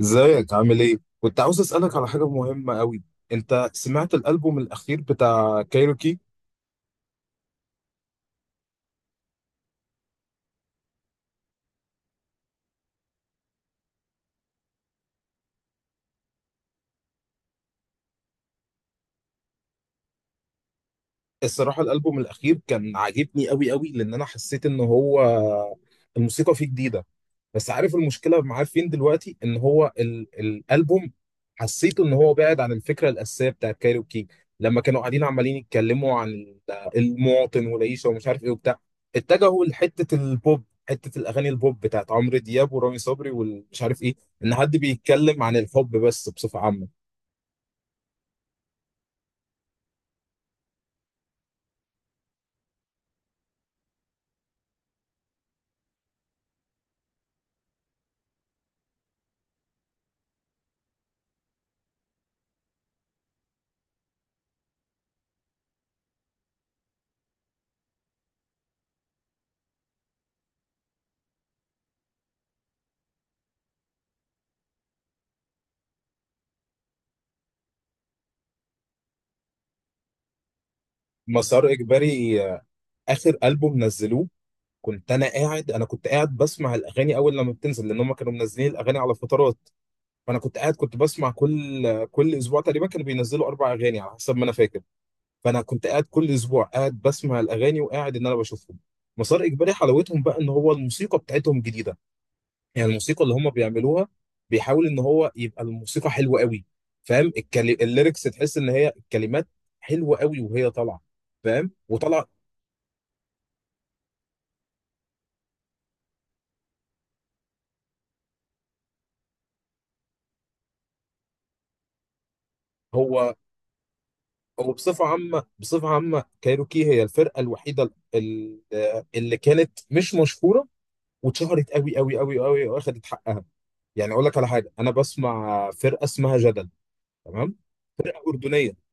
ازيك عامل ايه؟ كنت عاوز اسألك على حاجة مهمة قوي. انت سمعت الألبوم الأخير بتاع كايروكي؟ الصراحة الألبوم الأخير كان عاجبني أوي أوي، لأن أنا حسيت إن هو الموسيقى فيه جديدة. بس عارف المشكلة معاه فين دلوقتي، إن هو الألبوم حسيته إن هو بعد عن الفكرة الأساسية بتاعت كايروكي. لما كانوا قاعدين عمالين يتكلموا عن المواطن والعيشة ومش عارف إيه وبتاع، اتجهوا لحتة البوب، حتة الأغاني البوب بتاعت عمرو دياب ورامي صبري ومش عارف إيه، إن حد بيتكلم عن الحب بس بصفة عامة. مسار إجباري، آه، آخر ألبوم نزلوه. كنت قاعد بسمع الاغاني اول لما بتنزل، لان هم كانوا منزلين الاغاني على فترات. فانا كنت بسمع كل اسبوع تقريبا كانوا بينزلوا 4 اغاني على حسب ما انا فاكر. فانا كنت قاعد كل اسبوع قاعد بسمع الاغاني وقاعد ان انا بشوفهم. مسار اجباري حلاوتهم بقى ان هو الموسيقى بتاعتهم جديده، يعني الموسيقى اللي هم بيعملوها بيحاول ان هو يبقى الموسيقى حلوه قوي. فاهم؟ الليركس، تحس ان هي الكلمات حلوه قوي وهي طالعه. فاهم؟ وطلع. هو وبصفة عامة، بصفة عامة كايروكي هي الفرقة الوحيدة اللي كانت مش مشهورة واتشهرت قوي قوي قوي قوي واخدت حقها. يعني اقول لك على حاجة، انا بسمع فرقة اسمها جدل. تمام. فرقة أردنية.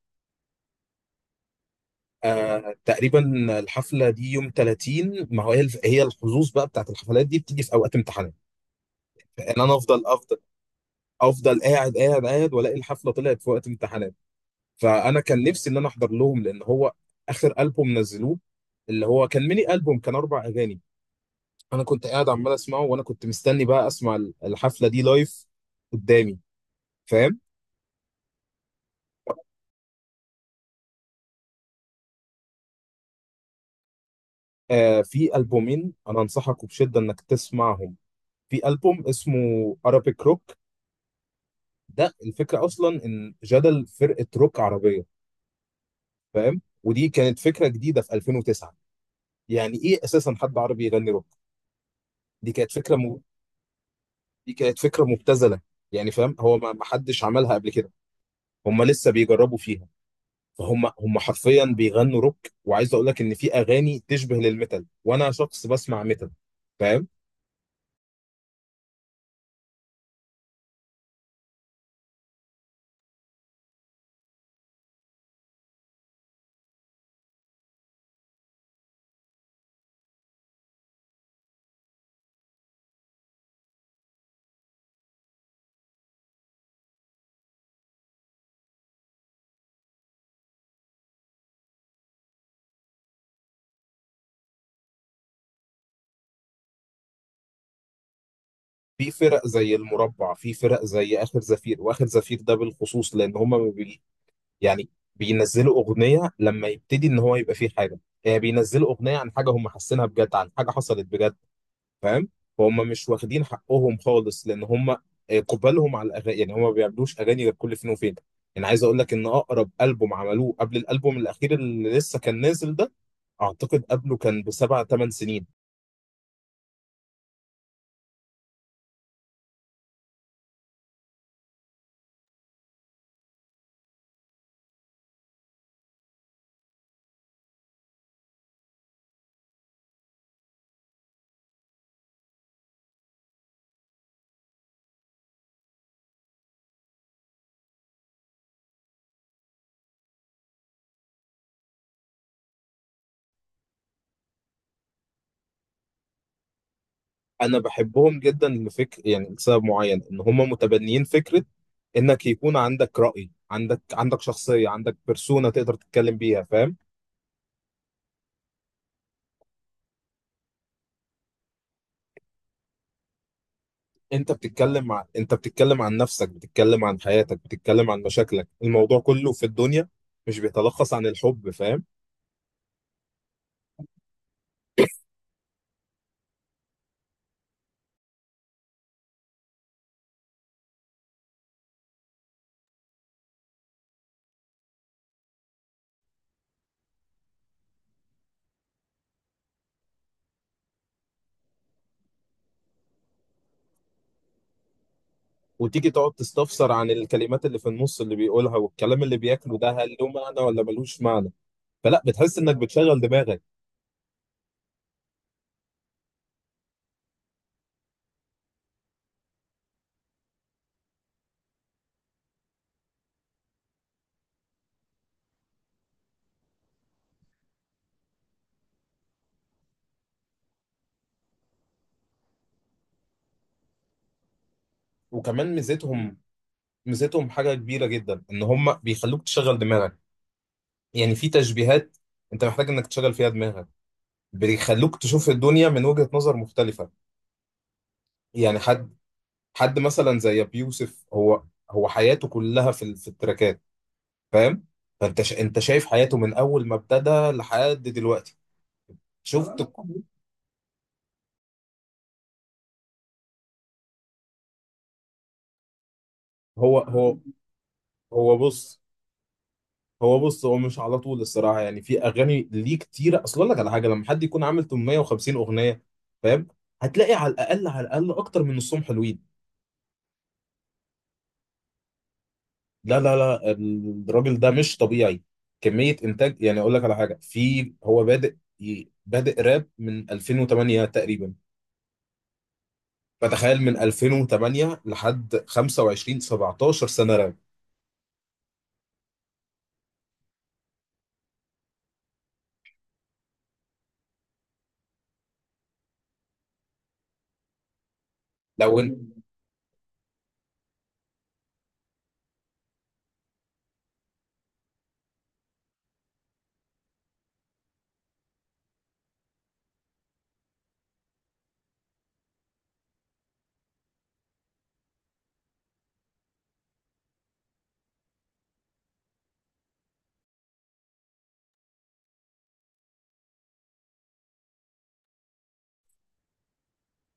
آه تقريبا. الحفلة دي يوم 30، ما هو هي هي الحظوظ بقى بتاعت الحفلات دي بتيجي في اوقات امتحانات. يعني انا افضل افضل افضل قاعد قاعد قاعد والاقي الحفلة طلعت في وقت امتحانات. فانا كان نفسي ان انا احضر لهم، لان هو اخر البوم نزلوه، اللي هو كان ميني البوم كان 4 اغاني. انا كنت قاعد عمال اسمعه وانا كنت مستني بقى اسمع الحفله دي لايف قدامي. فاهم؟ آه، في البومين انا انصحك بشده انك تسمعهم. في البوم اسمه ارابيك روك. ده الفكره اصلا ان جدل فرقه روك عربيه. فاهم؟ ودي كانت فكره جديده في 2009، يعني ايه اساسا حد عربي يغني روك؟ دي كانت فكره دي كانت فكرة مبتذلة، يعني فاهم هو ما حدش عملها قبل كده. هم لسه بيجربوا فيها، فهم هم حرفيا بيغنوا روك. وعايز اقول لك ان في اغاني تشبه للميتال، وانا شخص بسمع ميتال. فاهم؟ في فرق زي المربع، في فرق زي اخر زفير، واخر زفير ده بالخصوص لان هم يعني بينزلوا اغنية لما يبتدي ان هو يبقى فيه حاجة، يعني بينزلوا اغنية عن حاجة هم حاسينها بجد، عن حاجة حصلت بجد. فاهم؟ فهم مش واخدين حقهم خالص، لان هم قبالهم على الاغاني، يعني هم ما بيعملوش اغاني غير كل فين وفين. يعني عايز اقول لك ان اقرب البوم عملوه قبل الالبوم الاخير اللي لسه كان نازل ده، اعتقد قبله كان ب7 8 سنين. انا بحبهم جدا لفكر، يعني لسبب معين ان هم متبنيين فكره، انك يكون عندك راي، عندك شخصيه، عندك بيرسونا تقدر تتكلم بيها. فاهم؟ انت بتتكلم عن نفسك، بتتكلم عن حياتك، بتتكلم عن مشاكلك، الموضوع كله في الدنيا مش بيتلخص عن الحب. فاهم؟ وتيجي تقعد تستفسر عن الكلمات اللي في النص اللي بيقولها، والكلام اللي بياكله ده هل له معنى ولا ملوش معنى، فلا بتحس انك بتشغل دماغك. وكمان ميزتهم حاجة كبيرة جدا، ان هم بيخلوك تشغل دماغك. يعني في تشبيهات انت محتاج انك تشغل فيها دماغك، بيخلوك تشوف الدنيا من وجهة نظر مختلفة. يعني حد مثلا زي ابي يوسف، هو حياته كلها في التراكات. فاهم؟ فانت انت شايف حياته من اول ما ابتدى لحد دلوقتي. شفت كل- هو هو هو بص هو بص، هو مش على طول الصراحه، يعني في اغاني ليه كتيره. اصل اقول لك على حاجه لما حد يكون عامل 850 اغنيه. فاهم؟ هتلاقي على الاقل، على الاقل اكتر من نصهم حلوين. لا لا لا، الراجل ده مش طبيعي، كميه انتاج. يعني اقول لك على حاجه، في هو بادئ راب من 2008 تقريبا، فتخيل من 2008 لحد 25 17 سنه راب. لو إن...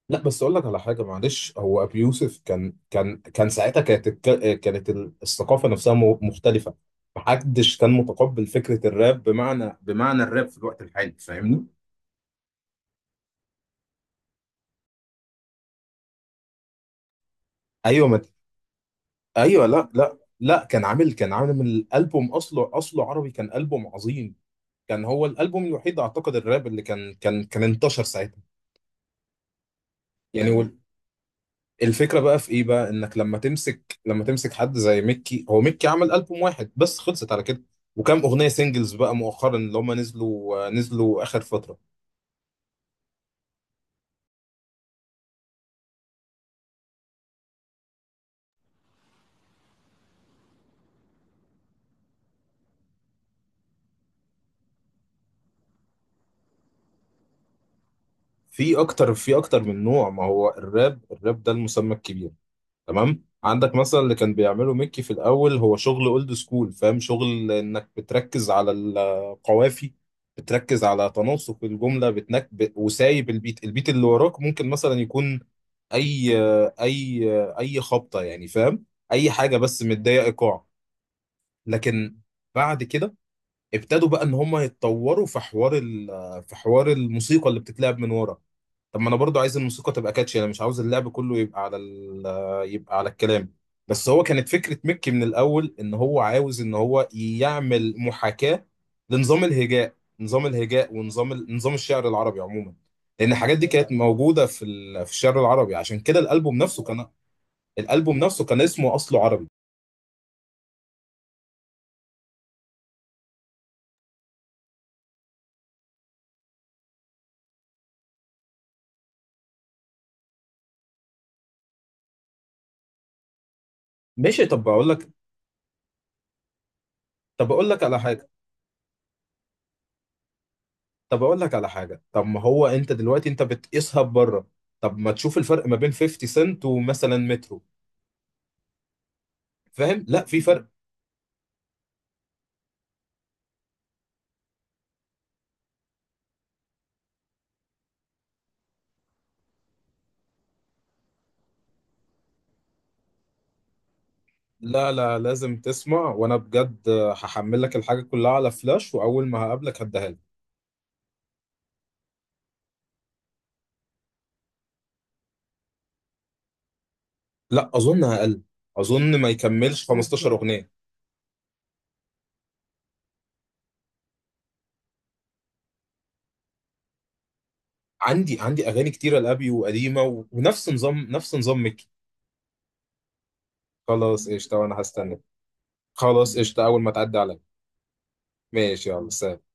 لا، بس اقول لك على حاجه معلش. هو ابي يوسف كان ساعتها كانت كانت الثقافه نفسها مختلفه. محدش كان متقبل فكره الراب، بمعنى الراب في الوقت الحالي. فاهمني؟ ايوه، ما ايوه. لا لا لا، كان عامل من الالبوم، اصله عربي، كان البوم عظيم. كان هو الالبوم الوحيد اعتقد الراب اللي كان انتشر ساعتها. يعني الفكرة بقى في ايه بقى، انك لما تمسك حد زي ميكي، هو ميكي عمل ألبوم واحد بس خلصت على كده، وكام أغنية سينجلز بقى مؤخرا اللي هم نزلوا آخر فترة. في اكتر من نوع، ما هو الراب ده المسمى الكبير. تمام. عندك مثلا اللي كان بيعمله ميكي في الأول، هو شغل اولد سكول. فاهم؟ شغل انك بتركز على القوافي، بتركز على تناسق الجملة، وسايب البيت اللي وراك ممكن مثلا يكون اي اي اي خبطه، يعني فاهم اي حاجه بس متضايق ايقاع. لكن بعد كده ابتدوا بقى ان هم يتطوروا في حوار في حوار الموسيقى اللي بتتلعب من ورا. طب ما انا برضو عايز الموسيقى تبقى كاتشي، انا مش عاوز اللعب كله يبقى على يبقى على الكلام. بس هو كانت فكره مكي من الاول ان هو عاوز ان هو يعمل محاكاه لنظام الهجاء، نظام الهجاء ونظام نظام الشعر العربي عموما، لان الحاجات دي كانت موجوده في الشعر العربي. عشان كده الالبوم نفسه كان اسمه اصله عربي. ماشي. طب اقول لك على حاجه طب اقول لك على حاجه، طب ما هو انت دلوقتي انت بتقيسها بره. طب ما تشوف الفرق ما بين 50 سنت ومثلا مترو. فاهم؟ لا، في فرق. لا لا، لازم تسمع، وانا بجد هحمل لك الحاجه كلها على فلاش، واول ما هقابلك هديها لك. لا اظن اقل، اظن ما يكملش 15 اغنيه. عندي اغاني كتيره لابي وقديمه ونفس نظام، نفس نظام ميكي. خلاص قشطه وانا هستنى. خلاص قشطه اول ما تعدي عليا. ماشي، يلا سلام.